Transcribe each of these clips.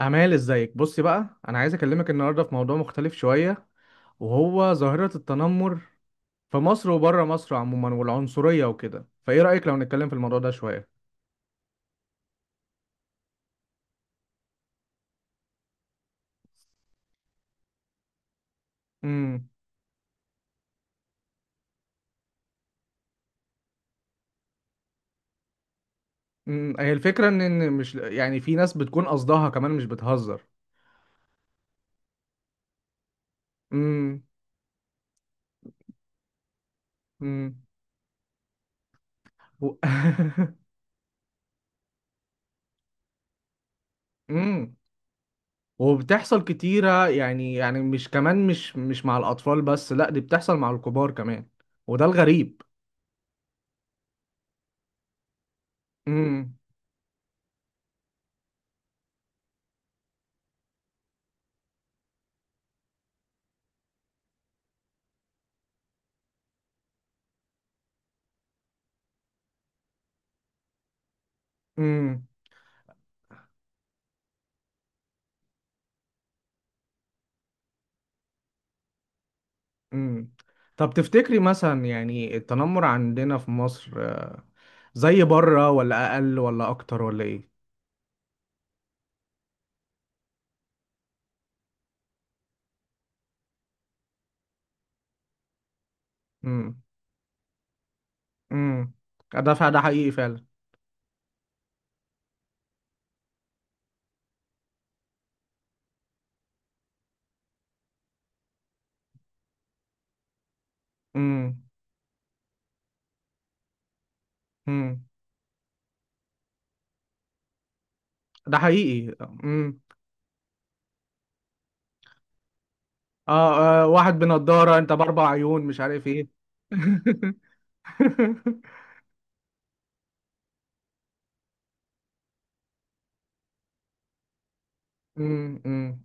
أمال، ازيك؟ بصي بقى، أنا عايز أكلمك النهاردة في موضوع مختلف شوية، وهو ظاهرة التنمر في مصر وبره مصر عموما، والعنصرية وكده. فإيه رأيك لو نتكلم في الموضوع ده شوية؟ امم. هي الفكرة إن مش، يعني في ناس بتكون قصدها كمان مش بتهزر. امم. امم. و... امم. وبتحصل كتيرة، يعني مش كمان، مش مع الأطفال بس، لأ دي بتحصل مع الكبار كمان. وده الغريب. امم. امم. طب تفتكري مثلا، يعني التنمر عندنا في مصر زي بره، ولا اقل ولا اكتر ولا ايه؟ امم. امم. ده ده حقيقي فعلا. امم. امم. ده حقيقي. امم. واحد بنضارة، انت باربع عيون، مش عارف ايه. امم.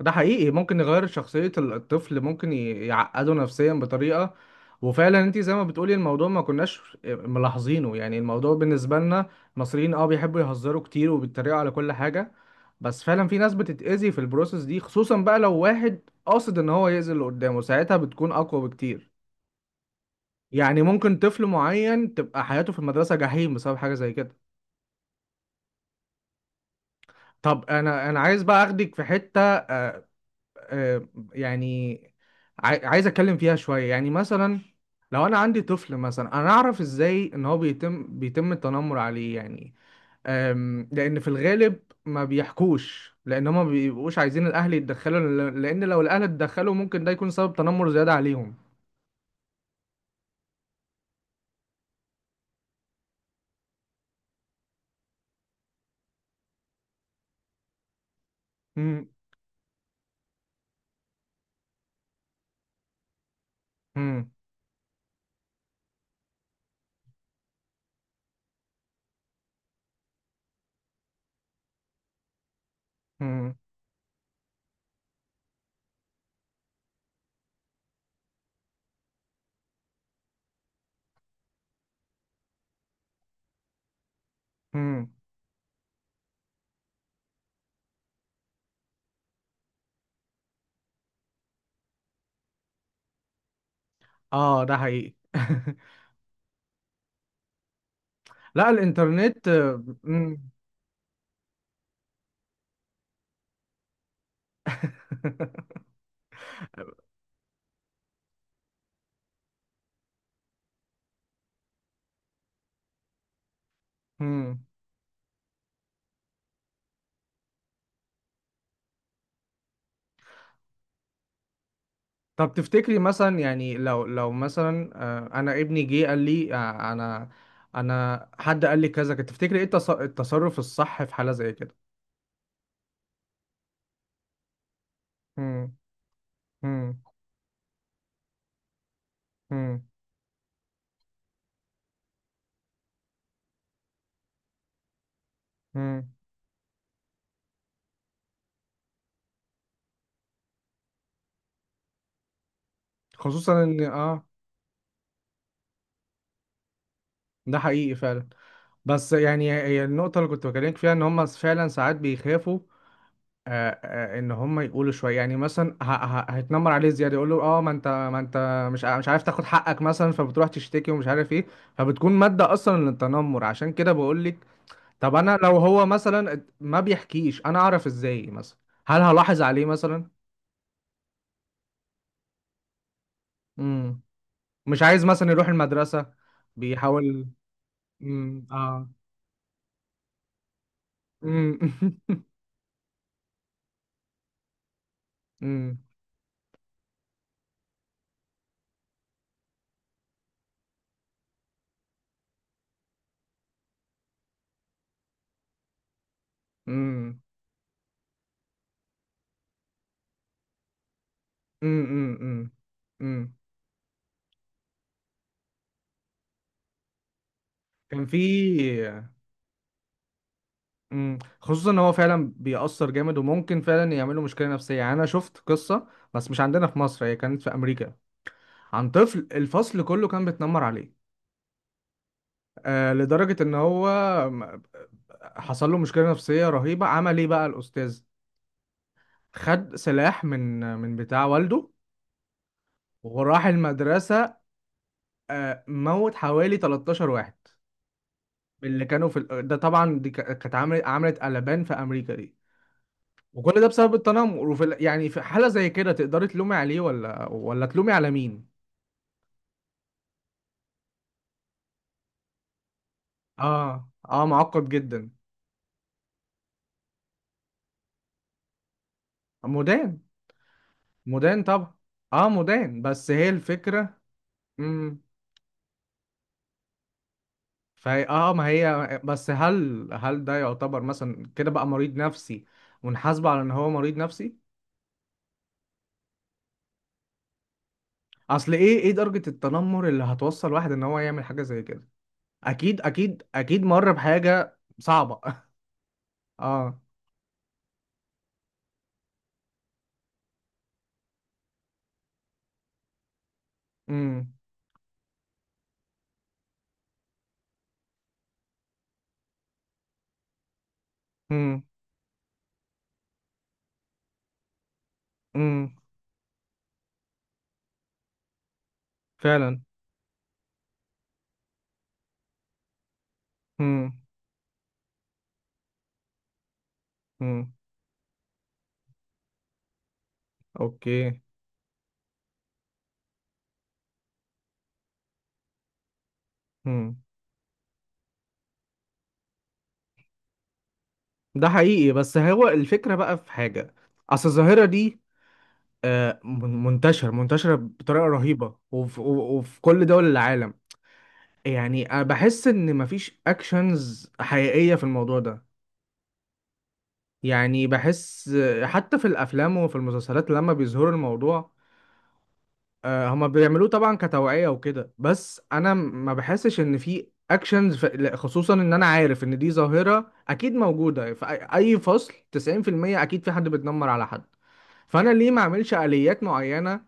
ده حقيقي، ممكن يغير شخصية الطفل، ممكن يعقده نفسيا بطريقة. وفعلا انت زي ما بتقولي، الموضوع ما كناش ملاحظينه. يعني الموضوع بالنسبة لنا المصريين، بيحبوا يهزروا كتير، وبيتريقوا على كل حاجة. بس فعلا في ناس بتتأذي في البروسيس دي، خصوصا بقى لو واحد قاصد ان هو يأذي اللي قدامه، ساعتها بتكون اقوى بكتير. يعني ممكن طفل معين تبقى حياته في المدرسة جحيم بسبب حاجة زي كده. طب انا عايز بقى اخدك في حتة آه، يعني عايز اتكلم فيها شويه، يعني مثلا لو انا عندي طفل مثلا، انا اعرف ازاي ان هو بيتم التنمر عليه؟ يعني لان في الغالب ما بيحكوش، لان هما ما بيبقوش عايزين الاهل يتدخلوا. لان لو الاهل اتدخلوا ممكن ده يكون سبب تنمر زياده عليهم. مم، مم، مم، مم. اه، ده حقيقي. لا، الانترنت مم. طب تفتكري مثلا، يعني لو مثلا انا ابني جه قال لي انا حد قال لي كذا كده، تفتكري ايه التصرف الصح في حالة زي كده؟ مم، مم، مم، مم. خصوصا ان ده حقيقي فعلا. بس يعني هي النقطة اللي كنت بكلمك فيها، ان هم فعلا ساعات بيخافوا ان هم يقولوا شويه. يعني مثلا، هيتنمر عليه زياده، يقول له اه ما انت مش مش عارف تاخد حقك مثلا، فبتروح تشتكي ومش عارف ايه، فبتكون مادة أصلا للتنمر. عشان كده بقول، طب انا لو هو مثلا ما بيحكيش، انا اعرف ازاي مثلا؟ هل هلاحظ عليه مثلا؟ امم. مش عايز مثلا يروح المدرسة، بيحاول. امم. اه. امم. امم. امم. امم. امم. امم. كان في. امم. خصوصا ان هو فعلا بيأثر جامد، وممكن فعلا يعمله مشكلة نفسية. يعني انا شفت قصة، بس مش عندنا في مصر، هي كانت في امريكا، عن طفل الفصل كله كان بيتنمر عليه لدرجة ان هو حصل له مشكلة نفسية رهيبة. عمل ايه بقى الأستاذ؟ خد سلاح من بتاع والده، وراح المدرسة. موت حوالي 13 واحد من اللي كانوا في ده طبعا. دي كانت عملت قلبان في أمريكا دي. وكل ده بسبب التنمر. وفي يعني في حالة زي كده، تقدري تلومي عليه، ولا تلومي على مين؟ اه، اه، معقد جدا. مدان. مدان طبعا. اه مدان، بس هي الفكرة. فهي ما هي، بس هل ده يعتبر مثلا كده بقى مريض نفسي، ونحاسبه على ان هو مريض نفسي؟ اصل ايه درجة التنمر اللي هتوصل واحد ان هو يعمل حاجة زي كده؟ اكيد اكيد اكيد مر بحاجة صعبة. اه. امم. امم. امم. فعلا. امم. امم. اوكي. امم. ده حقيقي، بس هو الفكرة بقى، في حاجة. اصل الظاهرة دي منتشرة بطريقة رهيبة، وفي كل دول العالم. يعني أنا بحس ان مفيش اكشنز حقيقية في الموضوع ده. يعني بحس، حتى في الافلام وفي المسلسلات لما بيظهروا الموضوع هما بيعملوه طبعا كتوعية وكده. بس انا ما بحسش ان في اكشنز لا، خصوصا ان انا عارف ان دي ظاهرة اكيد موجودة في أي فصل. 90% اكيد في حد بيتنمر على حد. فانا ليه ما اعملش آليات معينة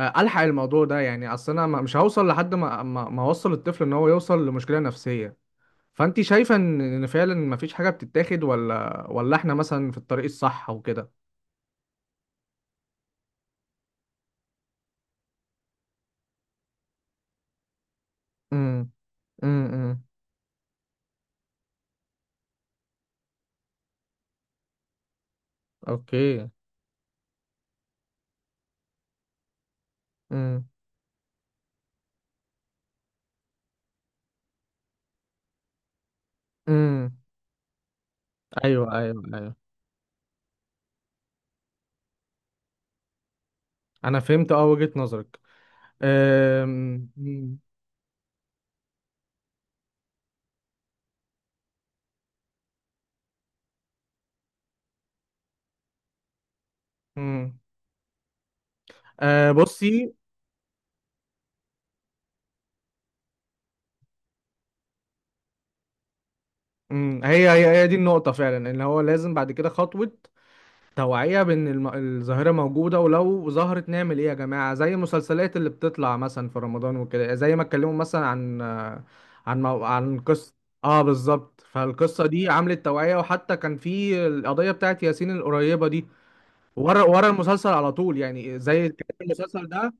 الحق الموضوع ده؟ يعني اصل انا مش هوصل لحد ما اوصل الطفل ان هو يوصل لمشكلة نفسية. فانت شايفه إن فعلا مفيش حاجه بتتاخد، ولا احنا مثلا في الطريق الصح وكده؟ امم. امم. اوكي. امم. امم. ايوه، ايوه، ايوه. انا فهمت، وجهة نظرك. مم. مم. بصي. مم. هي دي النقطة فعلا، ان هو لازم بعد كده خطوة توعية بإن الظاهرة موجودة، ولو ظهرت نعمل إيه يا جماعة؟ زي المسلسلات اللي بتطلع مثلا في رمضان وكده، زي ما اتكلموا مثلا عن قصة. اه، بالظبط. فالقصة دي عملت توعية. وحتى كان في القضية بتاعت ياسين القريبة دي، ورا ورا المسلسل على طول. يعني زي كان المسلسل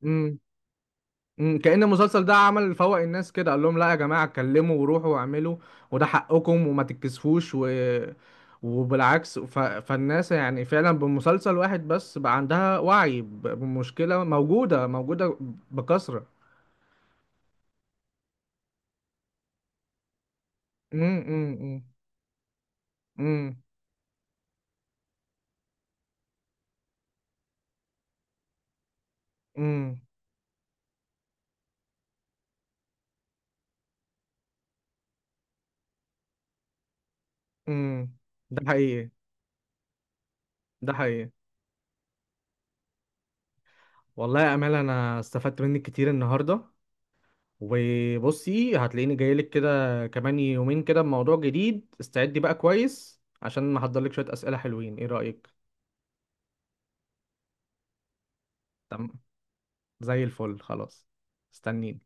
ده. مم، كأن المسلسل ده عمل فوق الناس كده، قال لهم لا يا جماعة، اتكلموا وروحوا واعملوا، وده حقكم، وما تتكسفوش، وبالعكس. فالناس يعني فعلا بمسلسل واحد بس بقى عندها وعي بمشكلة موجودة موجودة بكثرة. مم، مم، مم، مم، مم، مم. ده حقيقي، ده حقيقي. والله يا أمال، أنا استفدت منك كتير النهاردة. وبصي، هتلاقيني جاي لك كده كمان يومين كده، بموضوع جديد. استعدي بقى كويس، عشان محضر لك شوية أسئلة حلوين. ايه رأيك؟ تمام. زي الفل، خلاص. استنيني.